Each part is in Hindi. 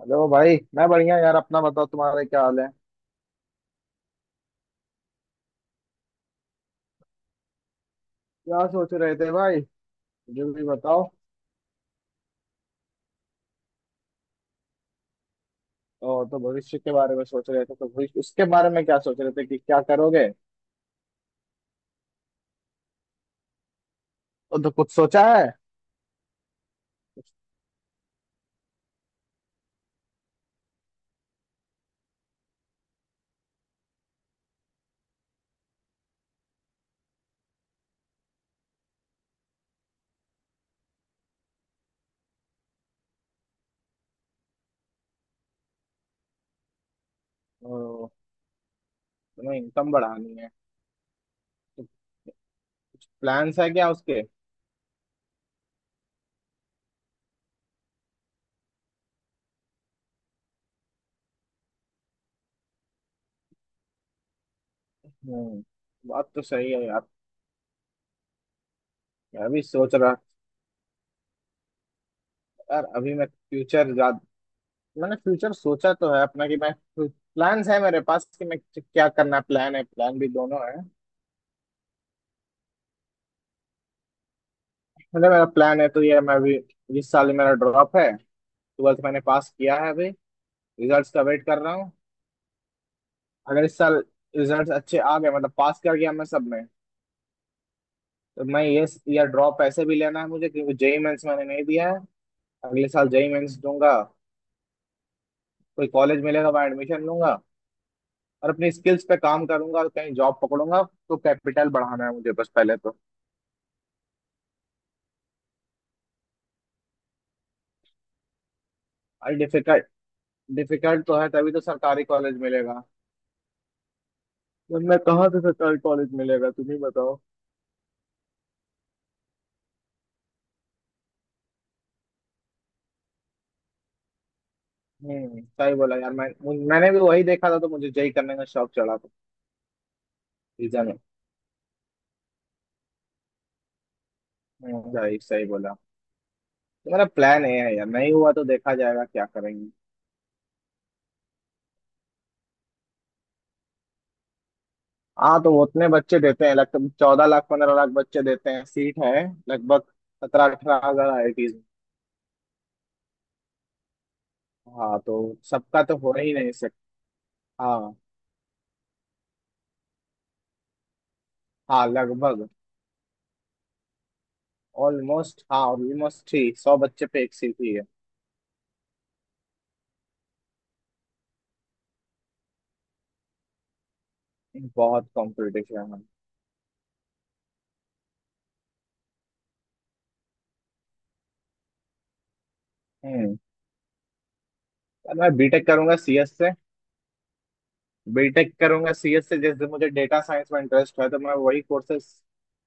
हेलो भाई, मैं बढ़िया यार। अपना बताओ, तुम्हारे क्या हाल है। क्या सोच रहे थे भाई? मुझे भी बताओ। और तो भविष्य के बारे में सोच रहे थे तो भविष्य उसके बारे में क्या सोच रहे थे कि क्या करोगे? तो कुछ सोचा है? ओ, तुम्हें इनकम बढ़ानी है तो प्लान्स है क्या उसके? हम्म। बात तो सही है यार। मैं भी सोच रहा था यार। अभी मैंने फ्यूचर सोचा तो है अपना, कि मैं प्लान्स है मेरे पास कि मैं क्या करना। प्लान है, प्लान भी दोनों है। मतलब मेरा प्लान है तो ये, मैं अभी इस साल मेरा ड्रॉप है। ट्वेल्थ मैंने पास किया है अभी, रिजल्ट्स का वेट कर रहा हूँ। अगर इस साल रिजल्ट्स अच्छे आ गए मतलब पास कर गया मैं सब में, तो मैं ये या ड्रॉप ऐसे भी लेना है मुझे क्योंकि जेई मेंस मैंने नहीं दिया है। अगले साल जेई मेंस दूंगा, कोई कॉलेज मिलेगा, वहाँ एडमिशन लूंगा और अपनी स्किल्स पे काम करूंगा और कहीं जॉब पकड़ूंगा। तो कैपिटल बढ़ाना है मुझे बस पहले तो। अरे डिफिकल्ट। डिफिकल्ट तो है, तभी तो सरकारी कॉलेज मिलेगा। वरना कहाँ से सरकारी कॉलेज मिलेगा, तुम ही बताओ। सही बोला यार। मैं, मैंने भी वही देखा था तो मुझे जेई करने का शौक चढ़ा था। रीजन। सही सही बोला। तो मेरा प्लान ये है यार, नहीं हुआ तो देखा जाएगा क्या करेंगे। हाँ तो वो उतने बच्चे देते हैं, लगभग 14 लाख 15 लाख बच्चे देते हैं। सीट है लगभग 17-18 हज़ार आईआईटीज। हाँ तो सबका तो हो ही नहीं सकता। हाँ। हाँ लगभग। ऑलमोस्ट हाँ, ऑलमोस्ट ही 100 बच्चे पे 1 सीट ही है। बहुत कंपटीशन है। हम्म यार मैं बीटेक करूंगा सीएस से। बीटेक करूंगा सीएस से, जैसे मुझे डेटा साइंस में इंटरेस्ट है तो मैं वही कोर्सेज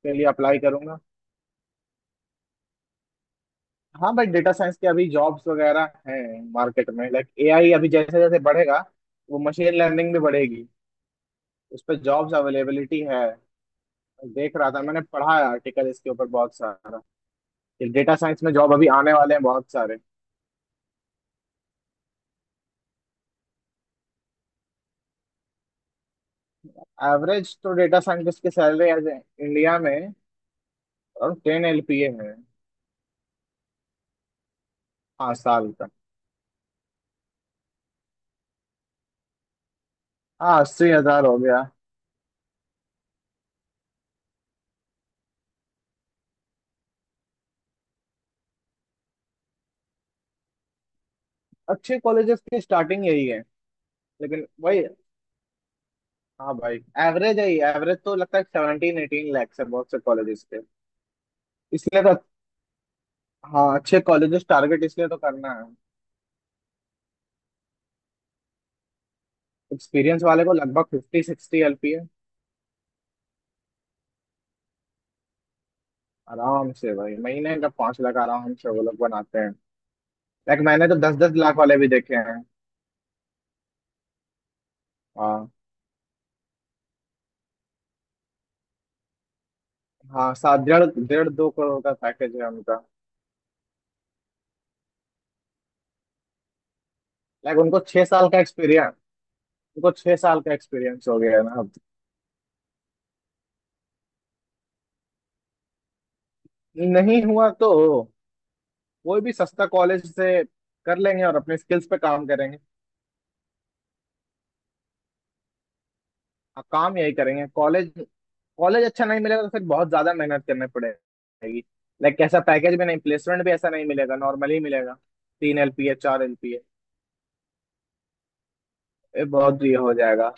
के लिए अप्लाई करूंगा। हाँ भाई, डेटा साइंस के अभी जॉब्स वगैरह हैं मार्केट में। लाइक एआई अभी जैसे जैसे बढ़ेगा, वो मशीन लर्निंग भी बढ़ेगी, उस पर जॉब्स अवेलेबिलिटी है। देख रहा था, मैंने पढ़ा है आर्टिकल इसके ऊपर बहुत सारा, कि डेटा साइंस में जॉब अभी आने वाले हैं बहुत सारे। एवरेज तो डेटा साइंटिस्ट की सैलरी एज इंडिया में और 10 LPA है। हाँ साल का। हाँ 80 हज़ार हो गया। अच्छे कॉलेजेस की स्टार्टिंग यही है। लेकिन वही, हाँ भाई, एवरेज है। एवरेज तो लगता है 17 18 लैक्स है बहुत से कॉलेजेस के, इसलिए तो। हाँ, अच्छे कॉलेजेस टारगेट इसलिए तो करना है। एक्सपीरियंस वाले को लगभग 50-60 LPA। आराम से भाई, महीने का 5 लाख आराम से वो लोग बनाते हैं। लाइक मैंने तो 10-10 लाख वाले भी देखे हैं। हाँ। हाँ सात डेढ़ डेढ़ दो करोड़ का पैकेज है उनका। लाइक उनको 6 साल का एक्सपीरियंस, उनको छह साल का एक्सपीरियंस हो गया है ना अब। नहीं हुआ तो कोई भी सस्ता कॉलेज से कर लेंगे और अपने स्किल्स पे काम करेंगे। हाँ, काम यही करेंगे। कॉलेज कॉलेज अच्छा नहीं मिलेगा तो फिर बहुत ज्यादा मेहनत करनी पड़ेगी। लाइक ऐसा पैकेज भी नहीं, प्लेसमेंट भी ऐसा नहीं मिलेगा, नॉर्मली मिलेगा 3 LPA 4 LPA, ये बहुत ये हो जाएगा।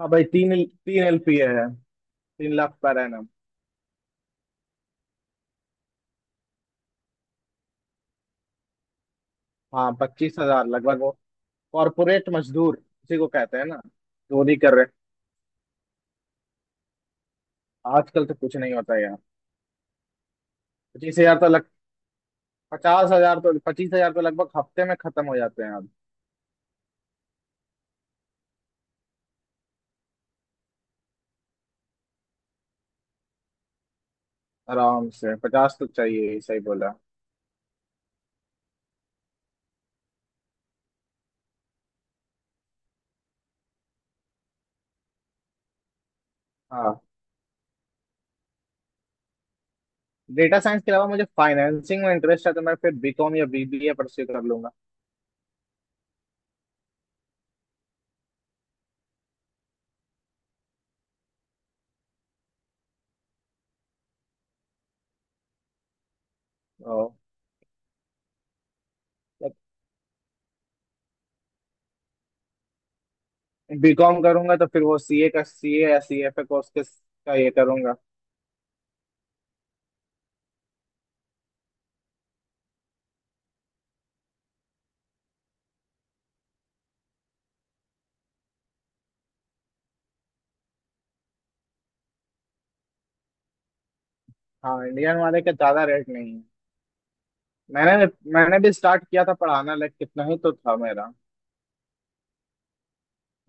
हाँ भाई, 3-3 LPA है। 3 लाख पर एनम। हाँ 25 हज़ार लगभग वो। कॉर्पोरेट मजदूर उसी को कहते हैं ना, चोरी कर रहे हैं। आजकल तो कुछ नहीं होता यार। पच्चीस हजार तो लग 50 हज़ार तो 25 हज़ार तो लगभग हफ्ते में खत्म हो जाते हैं अब। आराम से 50 हज़ार तो चाहिए ही, सही बोला। हाँ। डेटा साइंस के अलावा मुझे फाइनेंसिंग में इंटरेस्ट है तो मैं फिर बीकॉम या बीबीए परस्यू कर लूंगा। बीकॉम करूंगा तो फिर वो सीए का, सीए या सीएफए कोर्स के का ये करूंगा। हाँ, इंडियन वाले का ज्यादा रेट नहीं है। मैंने मैंने भी स्टार्ट किया था पढ़ाना, लाइक कितना ही तो था मेरा।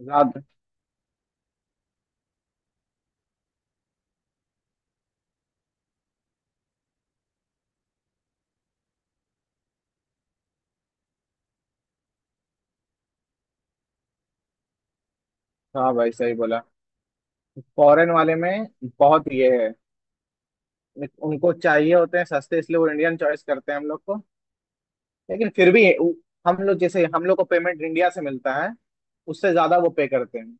ज्यादा। हाँ भाई, सही बोला। फॉरेन वाले में बहुत ये है। Like, उनको चाहिए होते हैं सस्ते, इसलिए वो इंडियन चॉइस करते हैं हम लोग को। लेकिन फिर भी हम लोग, जैसे हम लोग को पेमेंट इंडिया से मिलता है उससे ज्यादा वो पे करते हैं।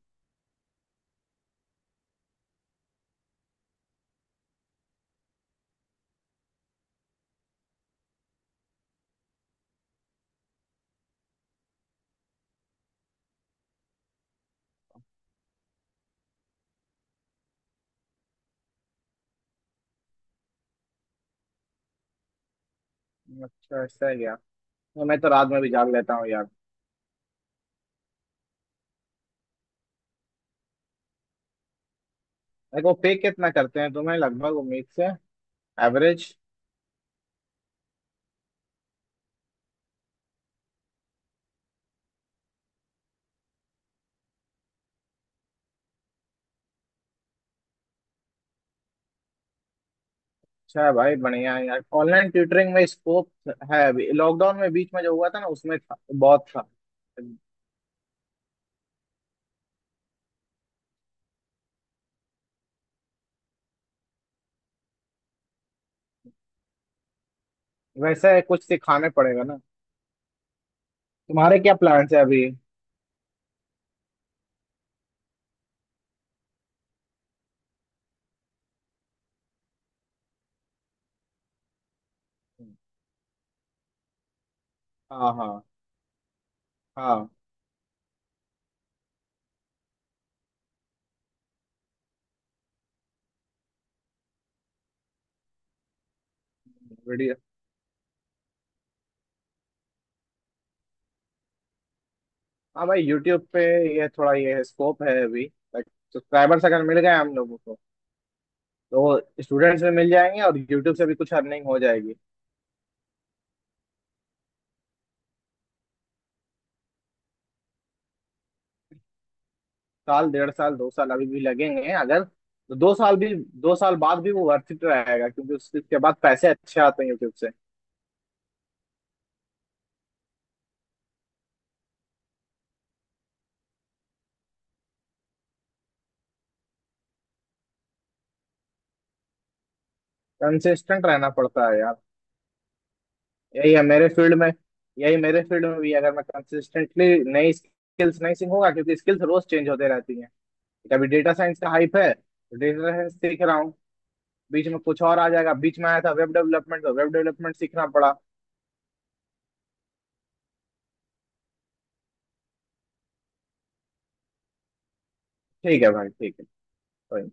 अच्छा ऐसा है क्या? तो मैं तो रात में भी जाग लेता हूँ यार। देखो पे कितना करते हैं तुम्हें लगभग उम्मीद से, एवरेज। अच्छा है भाई, बढ़िया है यार। ऑनलाइन ट्यूटरिंग में स्कोप है अभी, लॉकडाउन में बीच में जो हुआ था ना उसमें था, बहुत था। वैसे कुछ सिखाने पड़ेगा ना। तुम्हारे क्या प्लान्स है अभी? हाँ, हाँ, हाँ। वीडियो। हाँ भाई यूट्यूब पे ये थोड़ा ये स्कोप है अभी। सब्सक्राइबर्स अगर मिल गए हम लोगों को, तो स्टूडेंट्स भी मिल जाएंगे और यूट्यूब से भी कुछ अर्निंग हो जाएगी। 1 साल, 1.5 साल, 2 साल अभी भी लगेंगे, अगर तो 2 साल भी, 2 साल बाद भी वो वर्थ इट रहेगा क्योंकि उसके बाद पैसे अच्छे आते हैं यूट्यूब से। कंसिस्टेंट रहना पड़ता है यार। यही है मेरे फील्ड में। यही मेरे फील्ड में भी, अगर मैं कंसिस्टेंटली नई स्किल्स नहीं सीखूंगा, क्योंकि स्किल्स रोज चेंज होते रहती हैं। कभी डेटा साइंस का हाइप है तो डेटा साइंस सीख रहा हूँ। बीच में कुछ और आ जाएगा, बीच में आया था वेब डेवलपमेंट तो वेब डेवलपमेंट सीखना पड़ा। ठीक है भाई, ठीक है। कोई नहीं।